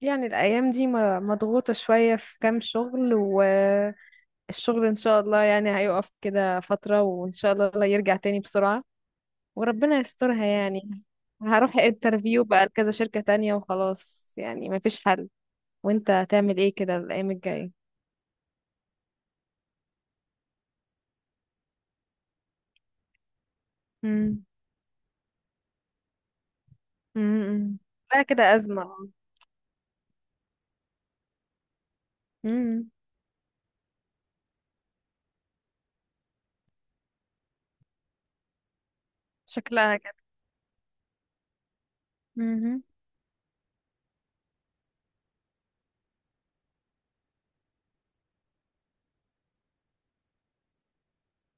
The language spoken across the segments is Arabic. يعني الأيام دي مضغوطة شوية في كام شغل والشغل إن شاء الله يعني هيقف كده فترة، وإن شاء الله الله يرجع تاني بسرعة وربنا يسترها يعني. هروح انترفيو بقى لكذا شركة تانية وخلاص، يعني مفيش حل. وانت هتعمل ايه كده الأيام الجاية؟ امم امم لا كده أزمة. امم شكلها كده. امم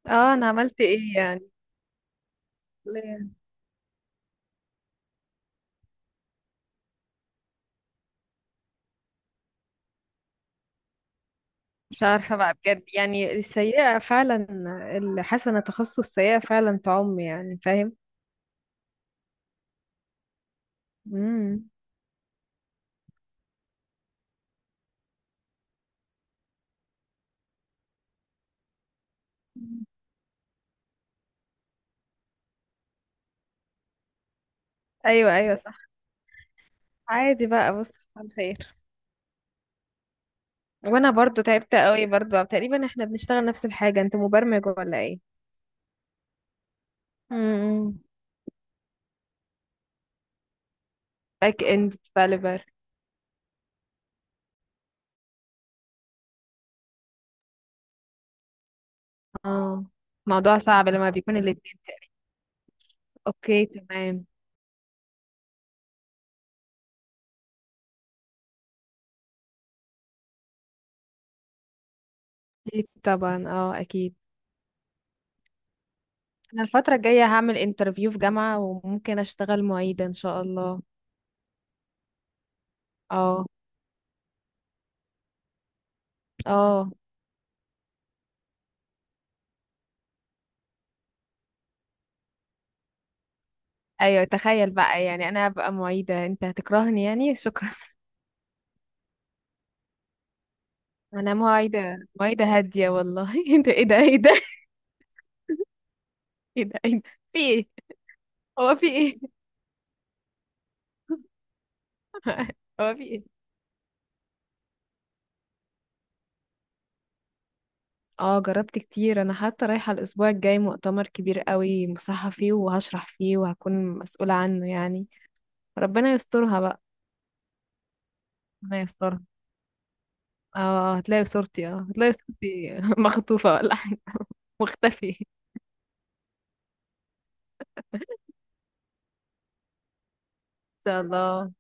اه انا عملت ايه؟ يعني مش عارفة بقى بجد، يعني السيئة فعلا الحسنة تخص السيئة فعلا تعم يعني فاهم. امم ايوه ايوه صح. عادي بقى، بص على خير. وانا برضو تعبت قوي برضو، تقريبا احنا بنشتغل نفس الحاجة. انت مبرمج ولا ايه؟ امم باك اند ديفلوبر. اه، موضوع صعب لما بيكون الاتنين. اوكي تمام. اكيد طبعا، اه اكيد. انا الفترة الجاية هعمل انترفيو في جامعة وممكن اشتغل معيدة ان شاء الله. اه. اه. ايوه تخيل بقى، يعني انا هبقى معيده انت هتكرهني يعني، شكرا. انا معيده معيده هاديه والله. ايه ده ايه ده ايه ده، ايه ده ايه ده. في ايه؟ هو في ايه؟ هو في ايه؟ اه جربت كتير، انا حتى رايحه الاسبوع الجاي مؤتمر كبير قوي مصحه فيه وهشرح فيه وهكون مسؤوله عنه يعني. ربنا يسترها بقى. ربنا يسترها. اه هتلاقي صورتي، اه هتلاقي صورتي مخطوفه ولا حاجه. مختفي ان شاء الله.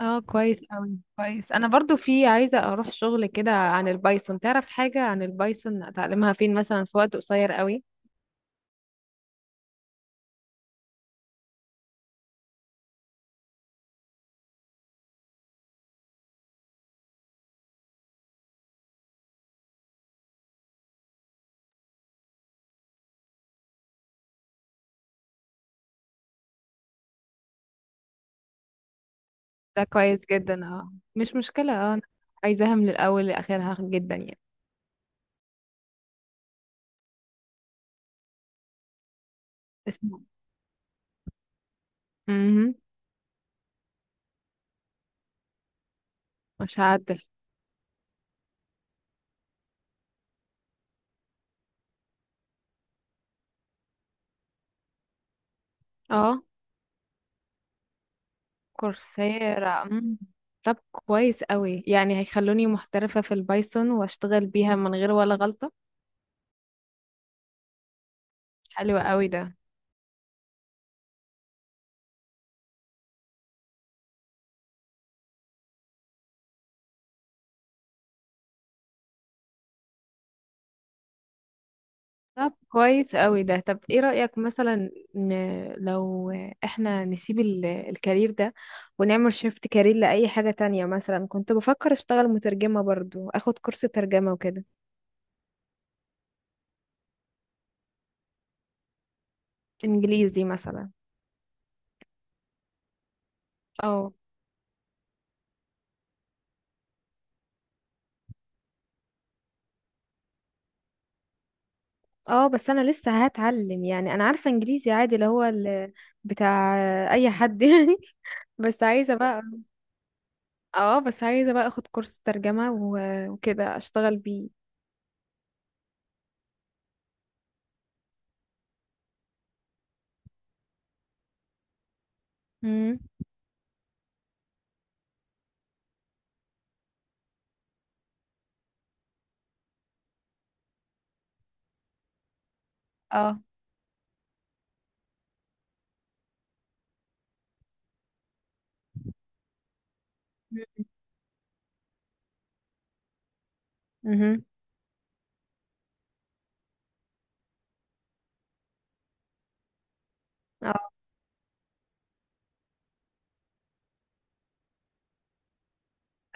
اه كويس اوي كويس. انا برضو في عايزة اروح شغل كده عن البايثون. تعرف حاجة عن البايثون اتعلمها فين مثلا في وقت قصير قوي؟ ده كويس جدا، اه مش مشكلة. اه أنا عايزاها من الاول لاخرها جدا يعني. اسمع. امم مش هعدل. اه كورسيرا. طب كويس قوي، يعني هيخلوني محترفة في البايثون واشتغل بيها من غير ولا غلطة. حلو قوي ده. طب كويس قوي ده. طب ايه رأيك مثلا، لو احنا نسيب الكارير ده ونعمل شيفت كارير لأي حاجة تانية. مثلا كنت بفكر اشتغل مترجمة برضو، اخد كورس ترجمة وكده. انجليزي مثلا. اه. اه بس انا لسه هتعلم يعني. انا عارفة انجليزي عادي، اللي هو بتاع اي حد يعني. بس عايزة بقى، اه بس عايزة بقى اخد كورس ترجمة وكده اشتغل بيه. امم. اه. مهم.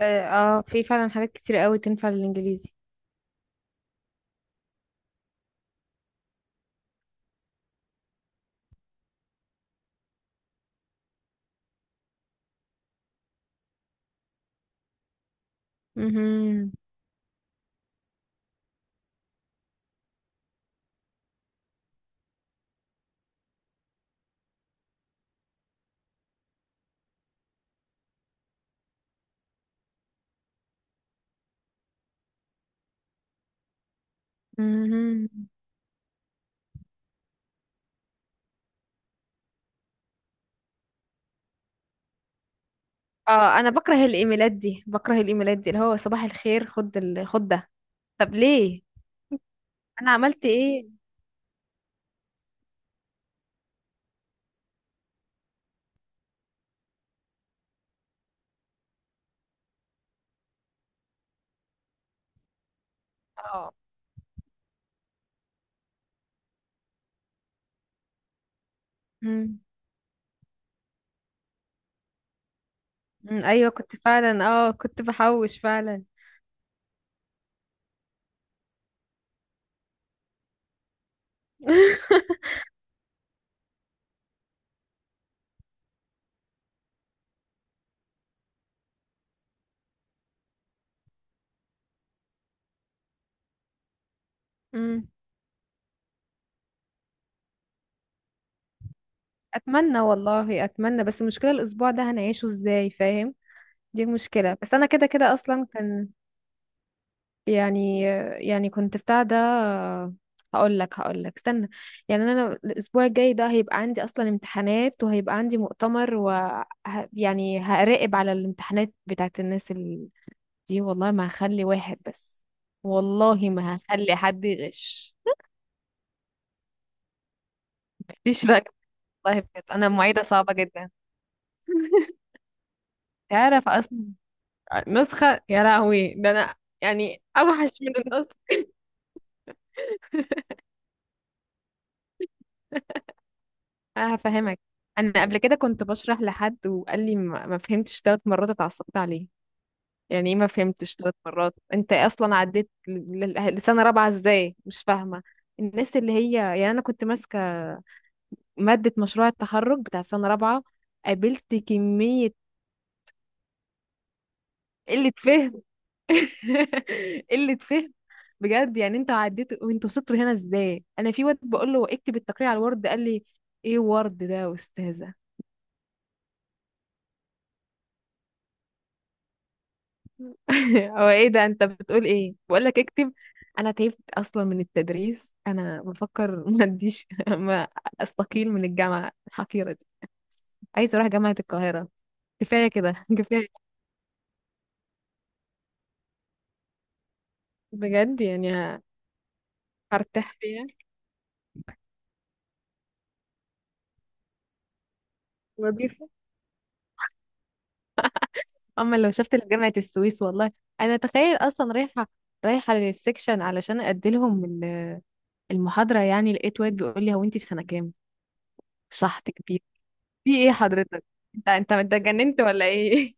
اه آه، في فعلا حاجات كتير قوي تنفع للانجليزي. مهم. مهم. اه انا بكره الايميلات دي، بكره الايميلات دي اللي هو صباح الخير خد خد ده. طب ليه؟ انا عملت ايه؟ اه. مم. أمم، ايوه كنت فعلا، اه كنت بحوش فعلا. مم. اتمنى والله اتمنى، بس المشكله الاسبوع ده هنعيشه ازاي فاهم. دي المشكله. بس انا كده كده اصلا كان يعني يعني كنت بتاع ده. هقول لك هقول لك استنى. يعني انا الاسبوع الجاي ده هيبقى عندي اصلا امتحانات وهيبقى عندي مؤتمر و يعني هراقب على الامتحانات بتاعت الناس دي. والله ما هخلي واحد بس، والله ما هخلي حد يغش. مفيش رقم. والله بجد انا معيدة صعبة جدا. تعرف اصلا نسخة يا لهوي. ده انا يعني اوحش من النسخ. أنا هفهمك. أنا قبل كده كنت بشرح لحد وقال لي ما فهمتش تلات مرات، اتعصبت عليه. يعني إيه ما فهمتش تلات مرات؟ أنت أصلا عديت لسنة رابعة إزاي مش فاهمة؟ الناس اللي هي يعني أنا كنت ماسكة مادة مشروع التخرج بتاع سنة رابعة، قابلت كمية قلة فهم. قلة فهم. بجد يعني انتوا عديتوا وانتوا وصلتوا هنا ازاي؟ انا في واد بقول له اكتب التقرير على الورد، قال لي ايه ورد ده يا استاذه؟ هو ايه ده انت بتقول ايه؟ بقول لك اكتب. انا تعبت اصلا من التدريس، انا بفكر ما اديش ما استقيل من الجامعه الحقيره دي. عايز اروح جامعه القاهره. كفايه كده كفايه. بجد يعني هرتاح فيها. وظيفه. اما لو شفت جامعه السويس والله. انا تخيل اصلا رايحه، رايحه للسكشن علشان ادي لهم المحاضره، يعني لقيت واد بيقول لي هو انت في سنه كام؟ شحط كبير. في ايه حضرتك؟ انت انت أنت اتجننت ولا ايه؟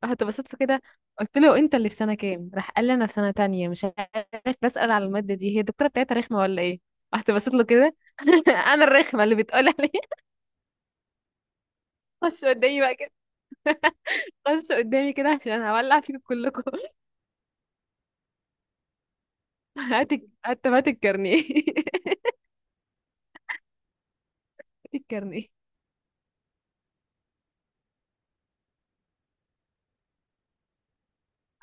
رحت بصيت له كده، قلت له انت اللي في سنه كام، راح قال لي انا في سنه تانية مش عارف بسال على الماده دي، هي الدكتوره بتاعتها رخمه ولا ايه؟ رحت بصيت له كده. انا الرخمه اللي بتقول عليه. خش قدامي بقى كده، خش قدامي كده عشان هولع فيكم كلكم. هات، حتى هات الكارنيه هات الكارنيه. الكارنيه.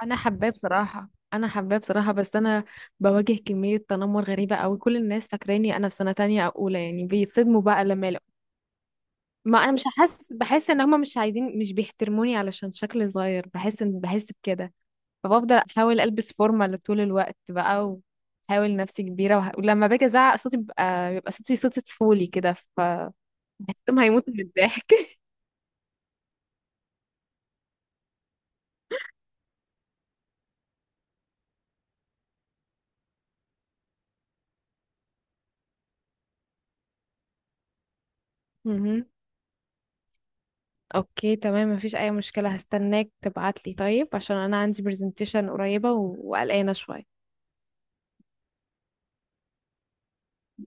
انا حباه بصراحه، انا حباه بصراحه، بس انا بواجه كميه تنمر غريبه قوي. كل الناس فاكراني انا في سنه تانية او اولى يعني، بيتصدموا بقى لما. ما انا مش حاسس، بحس ان هما مش عايزين، مش بيحترموني علشان شكلي صغير، بحس ان بحس بكده. فبفضل احاول البس فورمال طول الوقت بقى، واحاول نفسي كبيره ولما باجي ازعق صوتي بيبقى صوتي طفولي كده، ف بحسهم هيموتوا من الضحك. مهم. اوكي تمام، مفيش اي مشكله. هستناك تبعتلي طيب عشان انا عندي برزنتيشن قريبه وقلقانه شويه.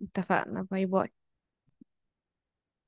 اتفقنا. باي باي.